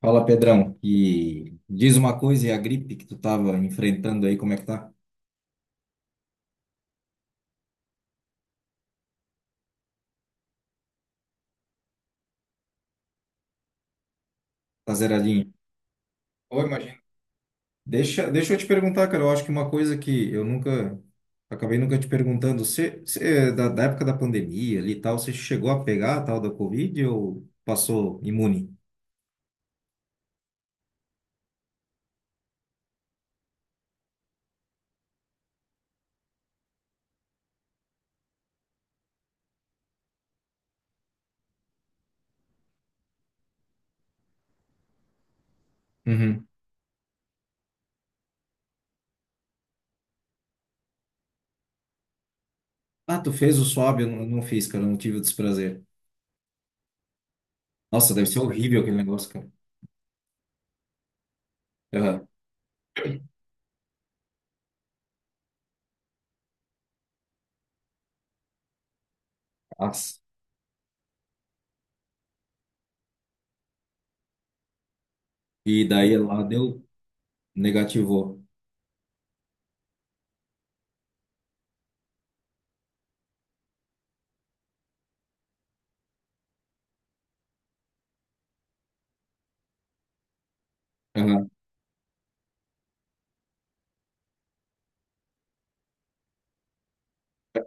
Fala, Pedrão. E diz uma coisa, e a gripe que tu tava enfrentando aí, como é que tá? Tá zeradinho? Oi, imagina. Deixa eu te perguntar, cara. Eu acho que uma coisa que eu nunca, acabei nunca te perguntando, você, da época da pandemia ali e tal, você chegou a pegar a tal da Covid ou passou imune? Uhum. Ah, tu fez o swab? Eu não fiz, cara. Eu não tive o desprazer. Nossa, deve ser horrível aquele negócio, cara. Aham. Nossa. E daí lá deu, negativou.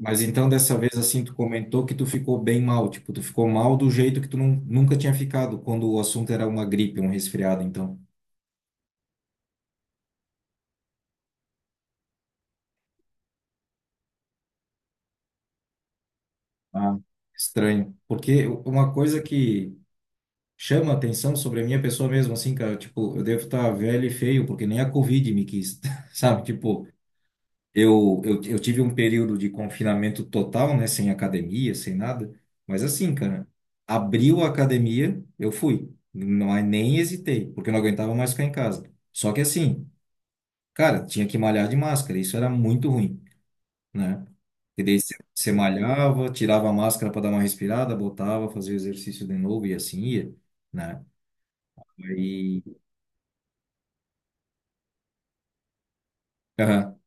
Mas então dessa vez assim tu comentou que tu ficou bem mal, tipo, tu ficou mal do jeito que nunca tinha ficado quando o assunto era uma gripe, um resfriado, então. Ah, estranho. Porque uma coisa que chama atenção sobre a minha pessoa mesmo assim, cara, tipo, eu devo estar velho e feio porque nem a Covid me quis, sabe? Tipo, Eu tive um período de confinamento total, né? Sem academia, sem nada. Mas assim, cara, abriu a academia, eu fui. Não, aí nem hesitei, porque eu não aguentava mais ficar em casa. Só que assim, cara, tinha que malhar de máscara. Isso era muito ruim, né? E daí você malhava, tirava a máscara para dar uma respirada, botava, fazia o exercício de novo e assim ia, né? Aí, aham.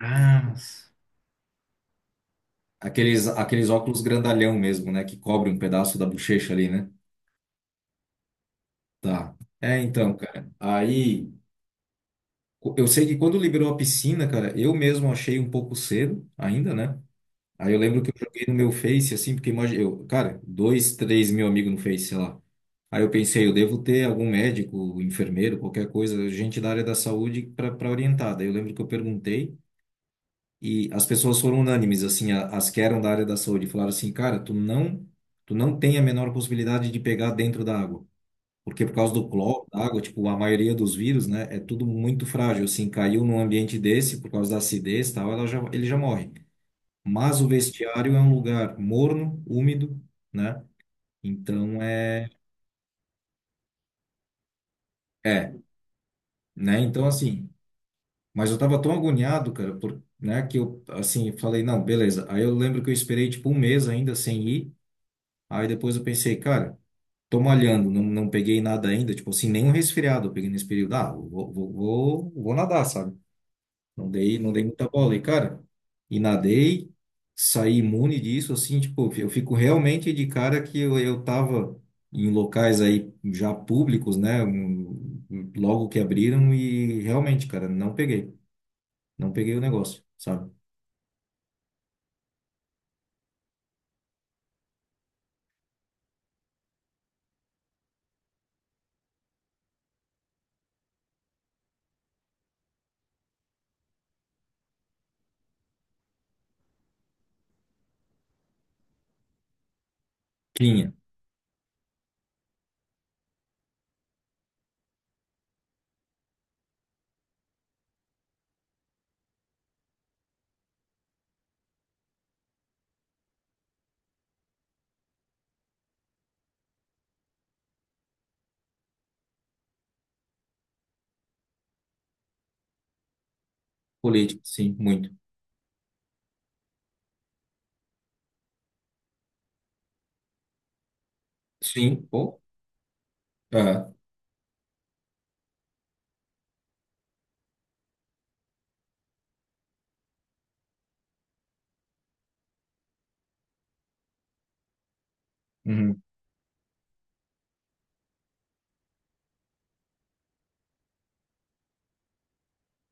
Ah, aqueles óculos grandalhão mesmo, né? Que cobre um pedaço da bochecha ali, né? Tá. É, então, cara. Eu sei que quando liberou a piscina, cara, eu mesmo achei um pouco cedo ainda, né? Aí eu lembro que eu joguei no meu Face, assim, porque imagina, eu, cara, dois, 3 mil amigos no Face, sei lá. Aí eu pensei, eu devo ter algum médico, enfermeiro, qualquer coisa, gente da área da saúde para orientar. Daí eu lembro que eu perguntei e as pessoas foram unânimes, assim, as que eram da área da saúde, falaram assim, cara, tu não tem a menor possibilidade de pegar dentro da água. Porque por causa do cloro, da água, tipo, a maioria dos vírus, né, é tudo muito frágil. Assim, caiu num ambiente desse, por causa da acidez e tal, ela já, ele já morre. Mas o vestiário é um lugar morno, úmido, né? Então é, é, Então mas eu tava tão agoniado, cara, por, né, que eu assim falei, não, beleza. Aí eu lembro que eu esperei tipo um mês ainda sem ir. Aí depois eu pensei, cara, tô malhando, não peguei nada ainda, tipo assim, nenhum resfriado eu peguei nesse período. Ah, vou nadar, sabe? Não dei muita bola. E, cara, e nadei, saí imune disso, assim, tipo, eu fico realmente de cara que eu tava em locais aí já públicos, né? Logo que abriram e realmente, cara, não peguei. Não peguei o negócio, sabe? Tinha. Política, sim, muito. Sim, pô. É, uhum,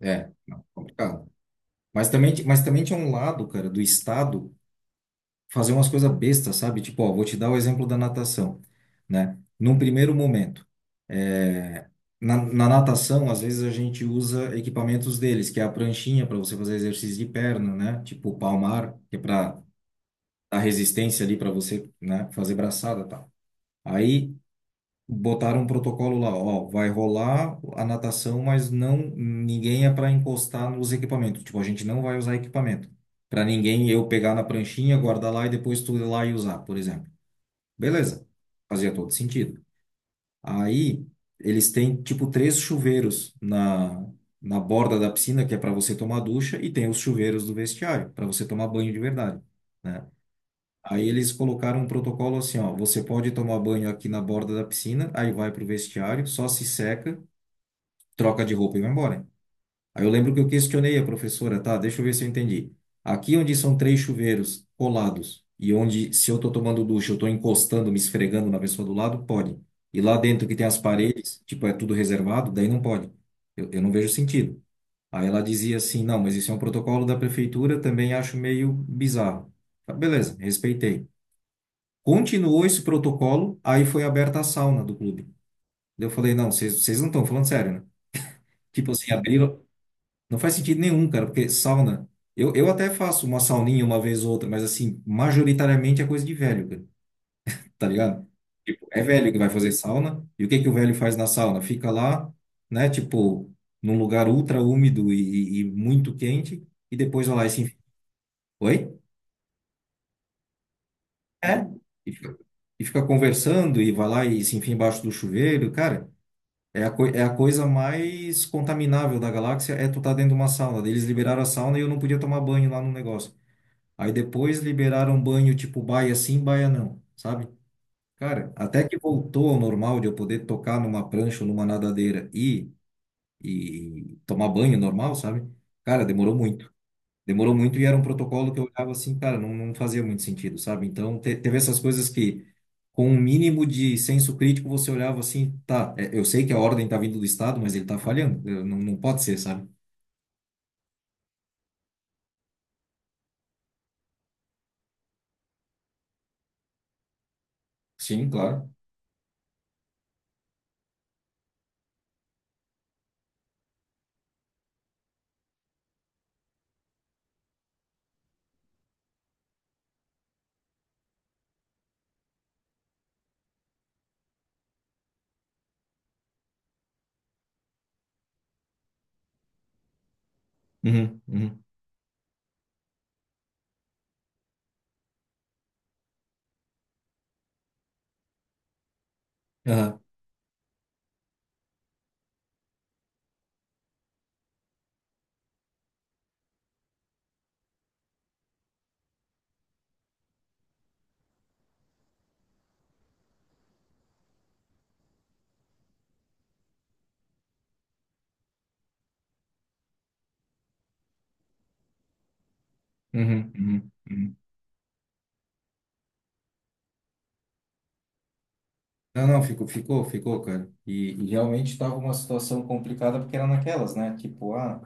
é, não, complicado. Mas também, mas também tinha um lado, cara, do Estado fazer umas coisas bestas, sabe? Tipo, ó, vou te dar o exemplo da natação, né? Num primeiro momento, é, na natação, às vezes a gente usa equipamentos deles, que é a pranchinha para você fazer exercício de perna, né? Tipo, o palmar, que é para dar resistência ali para você, né, fazer braçada, e tal. Aí botaram um protocolo lá, ó, vai rolar a natação, mas não ninguém é para encostar nos equipamentos. Tipo, a gente não vai usar equipamento. Para ninguém eu pegar na pranchinha, guardar lá e depois tu ir lá e usar, por exemplo. Beleza. Fazia todo sentido. Aí eles têm tipo três chuveiros na borda da piscina que é para você tomar ducha e tem os chuveiros do vestiário para você tomar banho de verdade, né? Aí eles colocaram um protocolo assim, ó, você pode tomar banho aqui na borda da piscina, aí vai pro vestiário, só se seca, troca de roupa e vai embora. Aí eu lembro que eu questionei a professora, tá, deixa eu ver se eu entendi. Aqui onde são três chuveiros colados e onde se eu tô tomando ducha, eu tô encostando, me esfregando na pessoa do lado, pode. E lá dentro que tem as paredes, tipo, é tudo reservado, daí não pode. Eu não vejo sentido. Aí ela dizia assim, não, mas isso é um protocolo da prefeitura, também acho meio bizarro. Tá, beleza, respeitei. Continuou esse protocolo, aí foi aberta a sauna do clube. Daí eu falei, não, vocês não estão falando sério, né? Tipo assim, abriram. Não faz sentido nenhum, cara, porque sauna. Eu até faço uma sauninha uma vez ou outra, mas assim, majoritariamente é coisa de velho, cara, tá ligado? É velho que vai fazer sauna. E o que que o velho faz na sauna? Fica lá, né? Tipo, num lugar ultra úmido e muito quente, e depois vai lá e se. Enfi- Oi? É? E fica, e fica conversando e vai lá e se enfia embaixo do chuveiro, cara. É é a coisa mais contaminável da galáxia é tu tá dentro de uma sauna. Daí eles liberaram a sauna e eu não podia tomar banho lá no negócio. Aí depois liberaram banho tipo baia sim, baia não, sabe? Cara, até que voltou ao normal de eu poder tocar numa prancha ou numa nadadeira e tomar banho normal, sabe? Cara, demorou muito. Demorou muito e era um protocolo que eu olhava assim, cara, não fazia muito sentido, sabe? Então, teve essas coisas que, com um mínimo de senso crítico, você olhava assim, tá, é, eu sei que a ordem tá vindo do Estado, mas ele tá falhando, não, não pode ser, sabe? Sim, claro. Uhum, uhum. Aham, uhum, uhum, uhum. Não, não, ficou, ficou, ficou, cara. E realmente estava uma situação complicada porque era naquelas, né? Tipo, ah,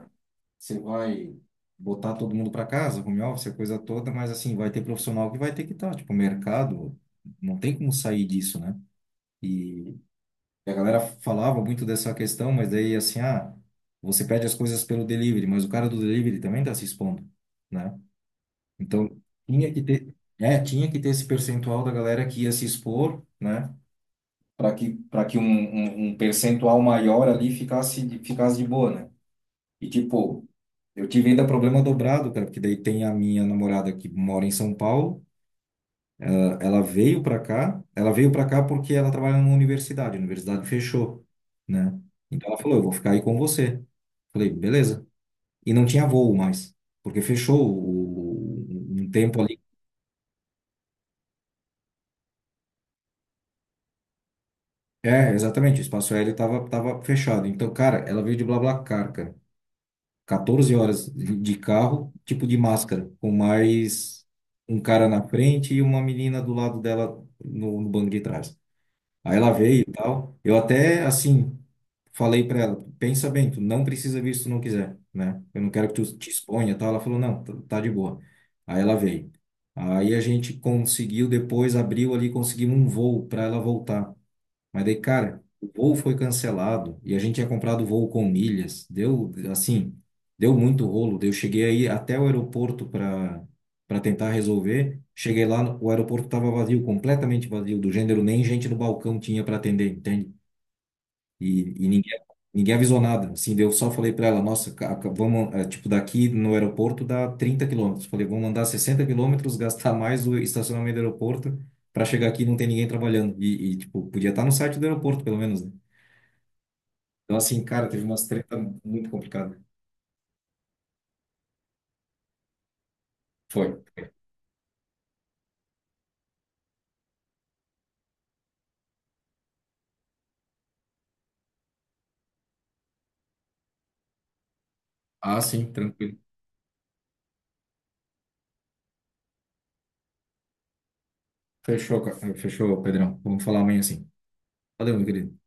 você vai botar todo mundo para casa, home office, a coisa toda, mas assim, vai ter profissional que vai ter que estar, tipo, o mercado, não tem como sair disso, né? E a galera falava muito dessa questão, mas daí assim, ah, você pede as coisas pelo delivery, mas o cara do delivery também tá se expondo, né? Então, tinha que ter, é, tinha que ter esse percentual da galera que ia se expor, né? Para que um percentual maior ali ficasse, ficasse de boa, né? E tipo, eu tive ainda problema dobrado, cara, porque daí tem a minha namorada que mora em São Paulo. Ah, ela veio pra cá. Ela veio pra cá porque ela trabalha numa universidade. A universidade fechou, né? Então ela falou, eu vou ficar aí com você. Falei, beleza. E não tinha voo mais, porque fechou um tempo ali. É, exatamente. O espaço aéreo tava fechado. Então, cara, ela veio de BlaBlaCar, cara. 14 horas de carro, tipo de máscara, com mais um cara na frente e uma menina do lado dela no, no banco de trás. Aí ela veio e tal. Falei pra ela, pensa bem, tu não precisa vir se tu não quiser, né? Eu não quero que tu te exponha e tal. Ela falou, não, tá de boa. Aí ela veio. Aí a gente conseguiu, depois abriu ali, conseguimos um voo para ela voltar. Mas daí, cara, o voo foi cancelado e a gente tinha comprado o voo com milhas. Deu, assim, deu muito rolo. Daí eu cheguei aí até o aeroporto para tentar resolver. Cheguei lá, o aeroporto estava vazio, completamente vazio, do gênero nem gente no balcão tinha para atender, entende? E, ninguém avisou nada. Assim, daí eu só falei para ela, nossa, vamos, eh, tipo, daqui no aeroporto dá 30 km. Falei, vamos andar 60 km, gastar mais o estacionamento do aeroporto para chegar aqui e não tem ninguém trabalhando. E, tipo, podia estar no site do aeroporto, pelo menos, né? Então, assim, cara, teve umas treta muito complicada. Foi, foi. Ah, sim, tranquilo. Fechou, fechou, Pedrão. Vamos falar amanhã, sim. Valeu, meu querido.